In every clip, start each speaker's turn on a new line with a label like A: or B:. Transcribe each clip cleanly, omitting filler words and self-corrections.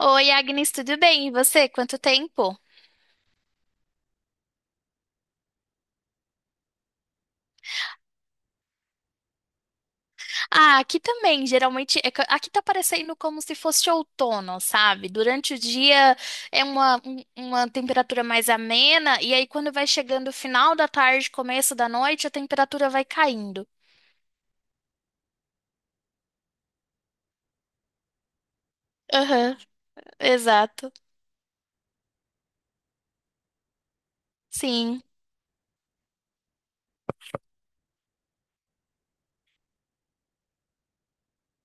A: Oi, Agnes, tudo bem? E você? Quanto tempo? Ah, aqui também, geralmente, é que aqui tá parecendo como se fosse outono, sabe? Durante o dia é uma temperatura mais amena, e aí quando vai chegando o final da tarde, começo da noite, a temperatura vai caindo. Aham, exato. Sim.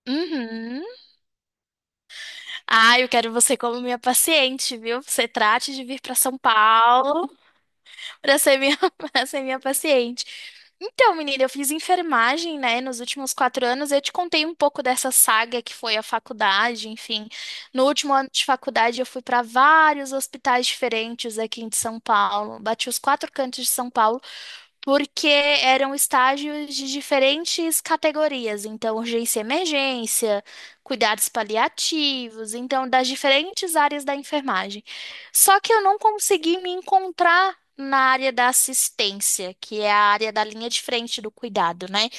A: Uhum. Ah, eu quero você como minha paciente, viu? Você trate de vir para São Paulo. para ser minha, Para ser minha paciente. Então, menina, eu fiz enfermagem, né, nos últimos 4 anos. Eu te contei um pouco dessa saga que foi a faculdade, enfim. No último ano de faculdade, eu fui para vários hospitais diferentes aqui em São Paulo. Bati os quatro cantos de São Paulo porque eram estágios de diferentes categorias, então urgência e emergência, cuidados paliativos, então das diferentes áreas da enfermagem. Só que eu não consegui me encontrar na área da assistência, que é a área da linha de frente do cuidado, né?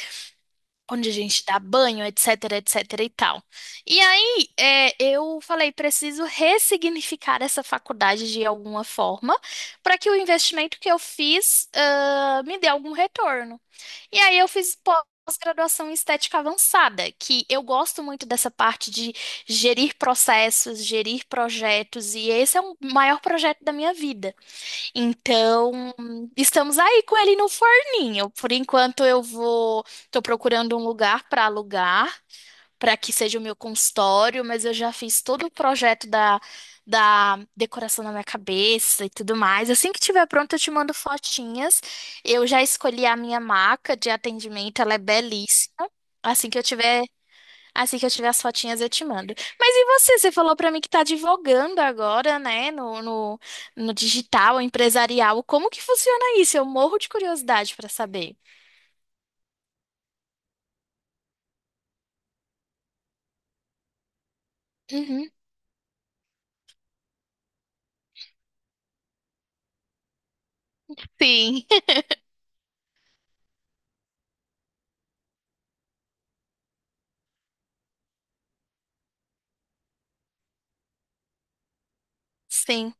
A: Onde a gente dá banho, etc, etc e tal. E aí, eu falei, preciso ressignificar essa faculdade de alguma forma para que o investimento que eu fiz, me dê algum retorno. E aí eu fiz pós-graduação em estética avançada, que eu gosto muito dessa parte de gerir processos, gerir projetos, e esse é o maior projeto da minha vida. Então, estamos aí com ele no forninho. Por enquanto, eu vou. Estou procurando um lugar para alugar, para que seja o meu consultório, mas eu já fiz todo o projeto da decoração na minha cabeça e tudo mais. Assim que tiver pronto, eu te mando fotinhas. Eu já escolhi a minha maca de atendimento, ela é belíssima. Assim que eu tiver Assim que eu tiver as fotinhas, eu te mando. Mas e você? Você falou pra mim que tá divulgando agora, né? No, no digital, empresarial. Como que funciona isso? Eu morro de curiosidade pra saber. Uhum. Sim. Sim.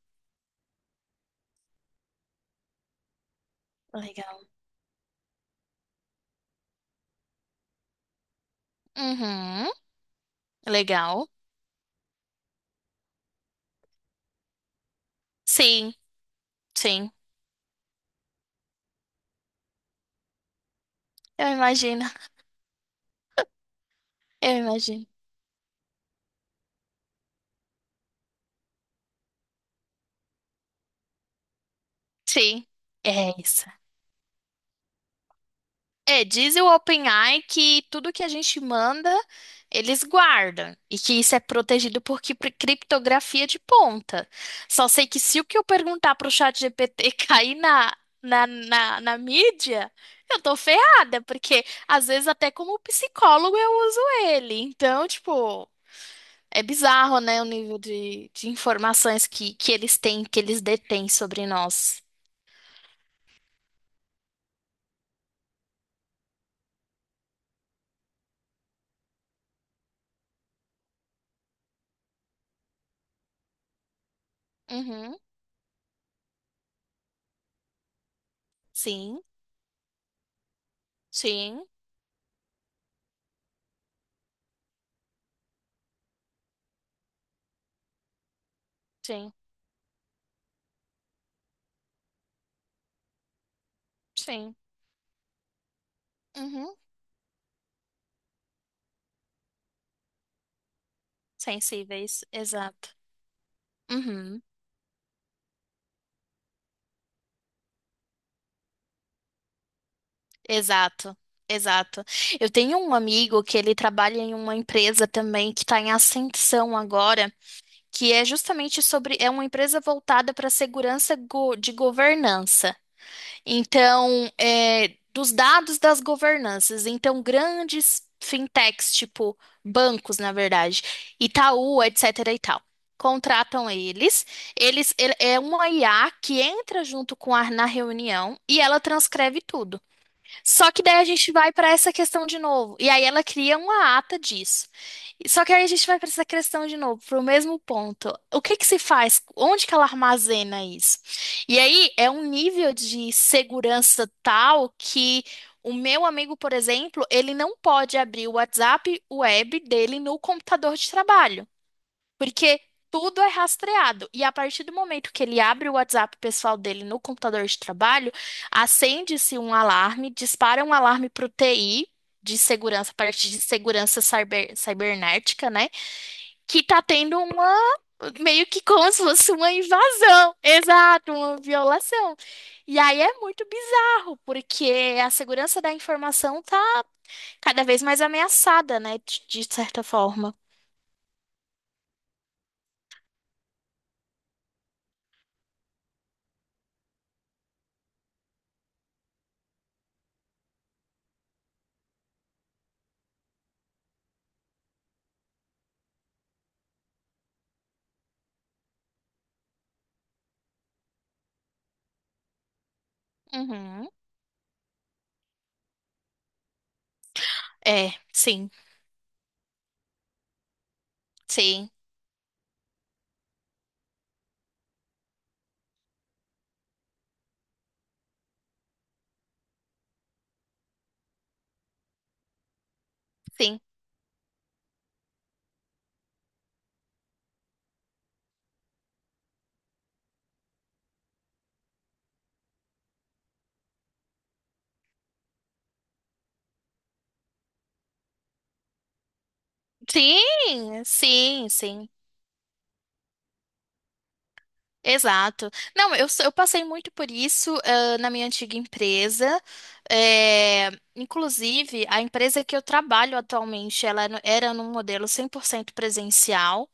A: Legal. Uhum. Legal. Sim, sim. Eu imagino. Eu imagino. Sim. É isso. É, diz o OpenAI que tudo que a gente manda, eles guardam e que isso é protegido por criptografia de ponta. Só sei que se o que eu perguntar pro chat GPT cair na mídia, eu tô ferrada, porque às vezes até como psicólogo eu uso ele. Então, tipo, é bizarro, né, o nível de informações que eles têm, que eles detêm sobre nós. Uhum, sim, sim, sim, sim. Uhum. Sensíveis, exato. Uhum, exato, exato. Eu tenho um amigo que ele trabalha em uma empresa também que está em ascensão agora, que é justamente sobre, é uma empresa voltada para segurança de governança. Então, é, dos dados das governanças, então grandes fintechs, tipo bancos, na verdade, Itaú, etc. e tal, contratam eles. É uma IA que entra junto com a na reunião e ela transcreve tudo. Só que daí a gente vai para essa questão de novo. E aí ela cria uma ata disso. E só que aí a gente vai para essa questão de novo, para o mesmo ponto. O que que se faz? Onde que ela armazena isso? E aí é um nível de segurança tal que o meu amigo, por exemplo, ele não pode abrir o WhatsApp web dele no computador de trabalho. Porque tudo é rastreado. E a partir do momento que ele abre o WhatsApp pessoal dele no computador de trabalho, acende-se um alarme, dispara um alarme para o TI de segurança, parte de segurança cibernética, né? Que tá tendo uma. Meio que como se fosse uma invasão, exato, uma violação. E aí é muito bizarro, porque a segurança da informação tá cada vez mais ameaçada, né? De certa forma. Uhum. É, sim. Sim. Sim. Sim, sim, sim. Exato. Não, eu passei muito por isso, na minha antiga empresa. É, inclusive, a empresa que eu trabalho atualmente, ela no- era num modelo 100% presencial,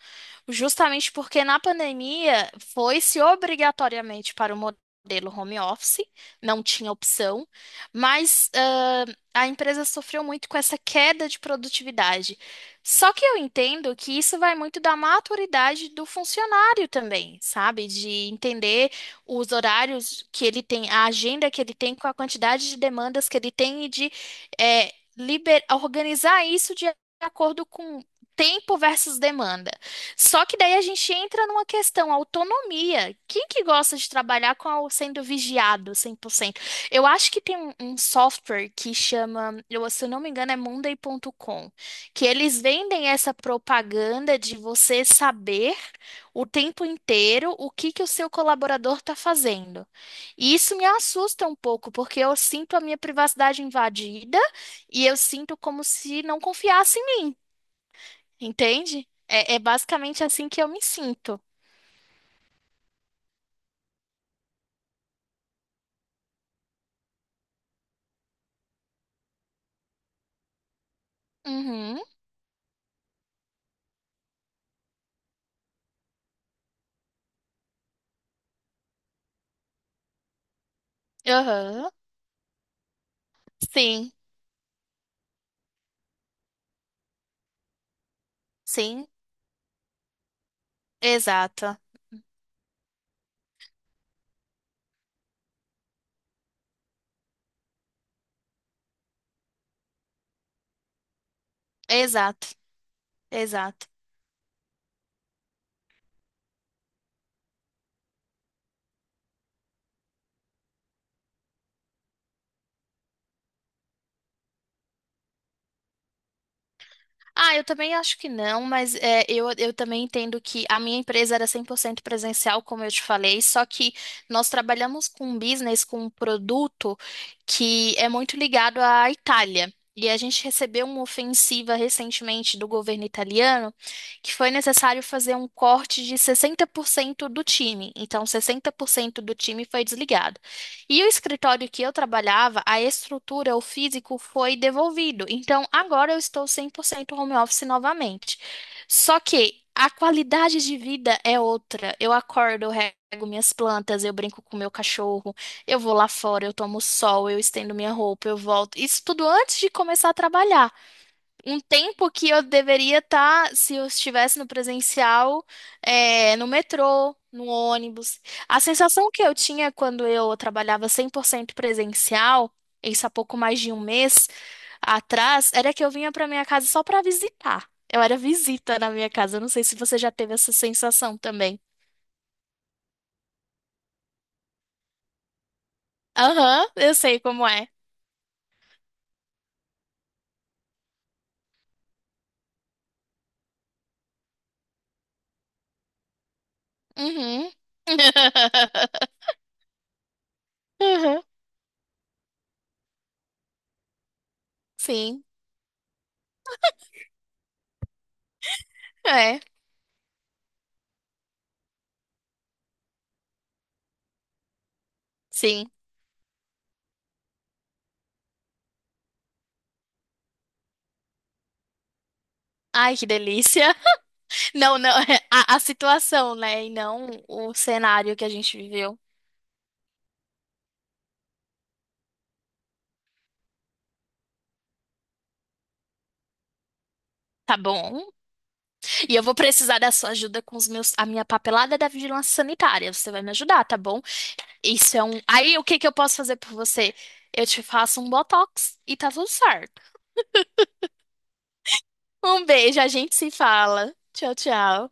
A: justamente porque na pandemia foi-se obrigatoriamente para o modelo home office, não tinha opção, mas a empresa sofreu muito com essa queda de produtividade. Só que eu entendo que isso vai muito da maturidade do funcionário também, sabe? De entender os horários que ele tem, a agenda que ele tem, com a quantidade de demandas que ele tem e de organizar isso de acordo com tempo versus demanda. Só que daí a gente entra numa questão autonomia. Quem que gosta de trabalhar com sendo vigiado 100%? Eu acho que tem um software que chama, eu, se eu não me engano, é Monday.com, que eles vendem essa propaganda de você saber o tempo inteiro o que que o seu colaborador está fazendo. E isso me assusta um pouco, porque eu sinto a minha privacidade invadida e eu sinto como se não confiasse em mim, entende? É, é basicamente assim que eu me sinto. Uhum, aham, sim, sim, exato, exato, exato. Ah, eu também acho que não, mas é, eu também entendo que a minha empresa era 100% presencial, como eu te falei, só que nós trabalhamos com um business, com um produto que é muito ligado à Itália. E a gente recebeu uma ofensiva recentemente do governo italiano que foi necessário fazer um corte de 60% do time. Então, 60% do time foi desligado. E o escritório que eu trabalhava, a estrutura, o físico foi devolvido. Então, agora eu estou 100% home office novamente. Só que a qualidade de vida é outra. Eu acordo, eu rego minhas plantas, eu brinco com meu cachorro, eu vou lá fora, eu tomo sol, eu estendo minha roupa, eu volto. Isso tudo antes de começar a trabalhar um tempo que eu deveria estar, se eu estivesse no presencial, é, no metrô, no ônibus. A sensação que eu tinha quando eu trabalhava 100% presencial, isso há pouco mais de um mês atrás, era que eu vinha para minha casa só para visitar. Eu era visita na minha casa. Eu não sei se você já teve essa sensação também. Aham, eu sei como é. Uhum. Uhum. Sim, é, sim. Ai, que delícia. Não, não, a situação, né? E não o cenário que a gente viveu. Tá bom. E eu vou precisar da sua ajuda com os meus, a minha papelada da vigilância sanitária. Você vai me ajudar, tá bom? Isso é um. Aí, o que que eu posso fazer por você? Eu te faço um botox e tá tudo certo. Um beijo, a gente se fala. Tchau, tchau.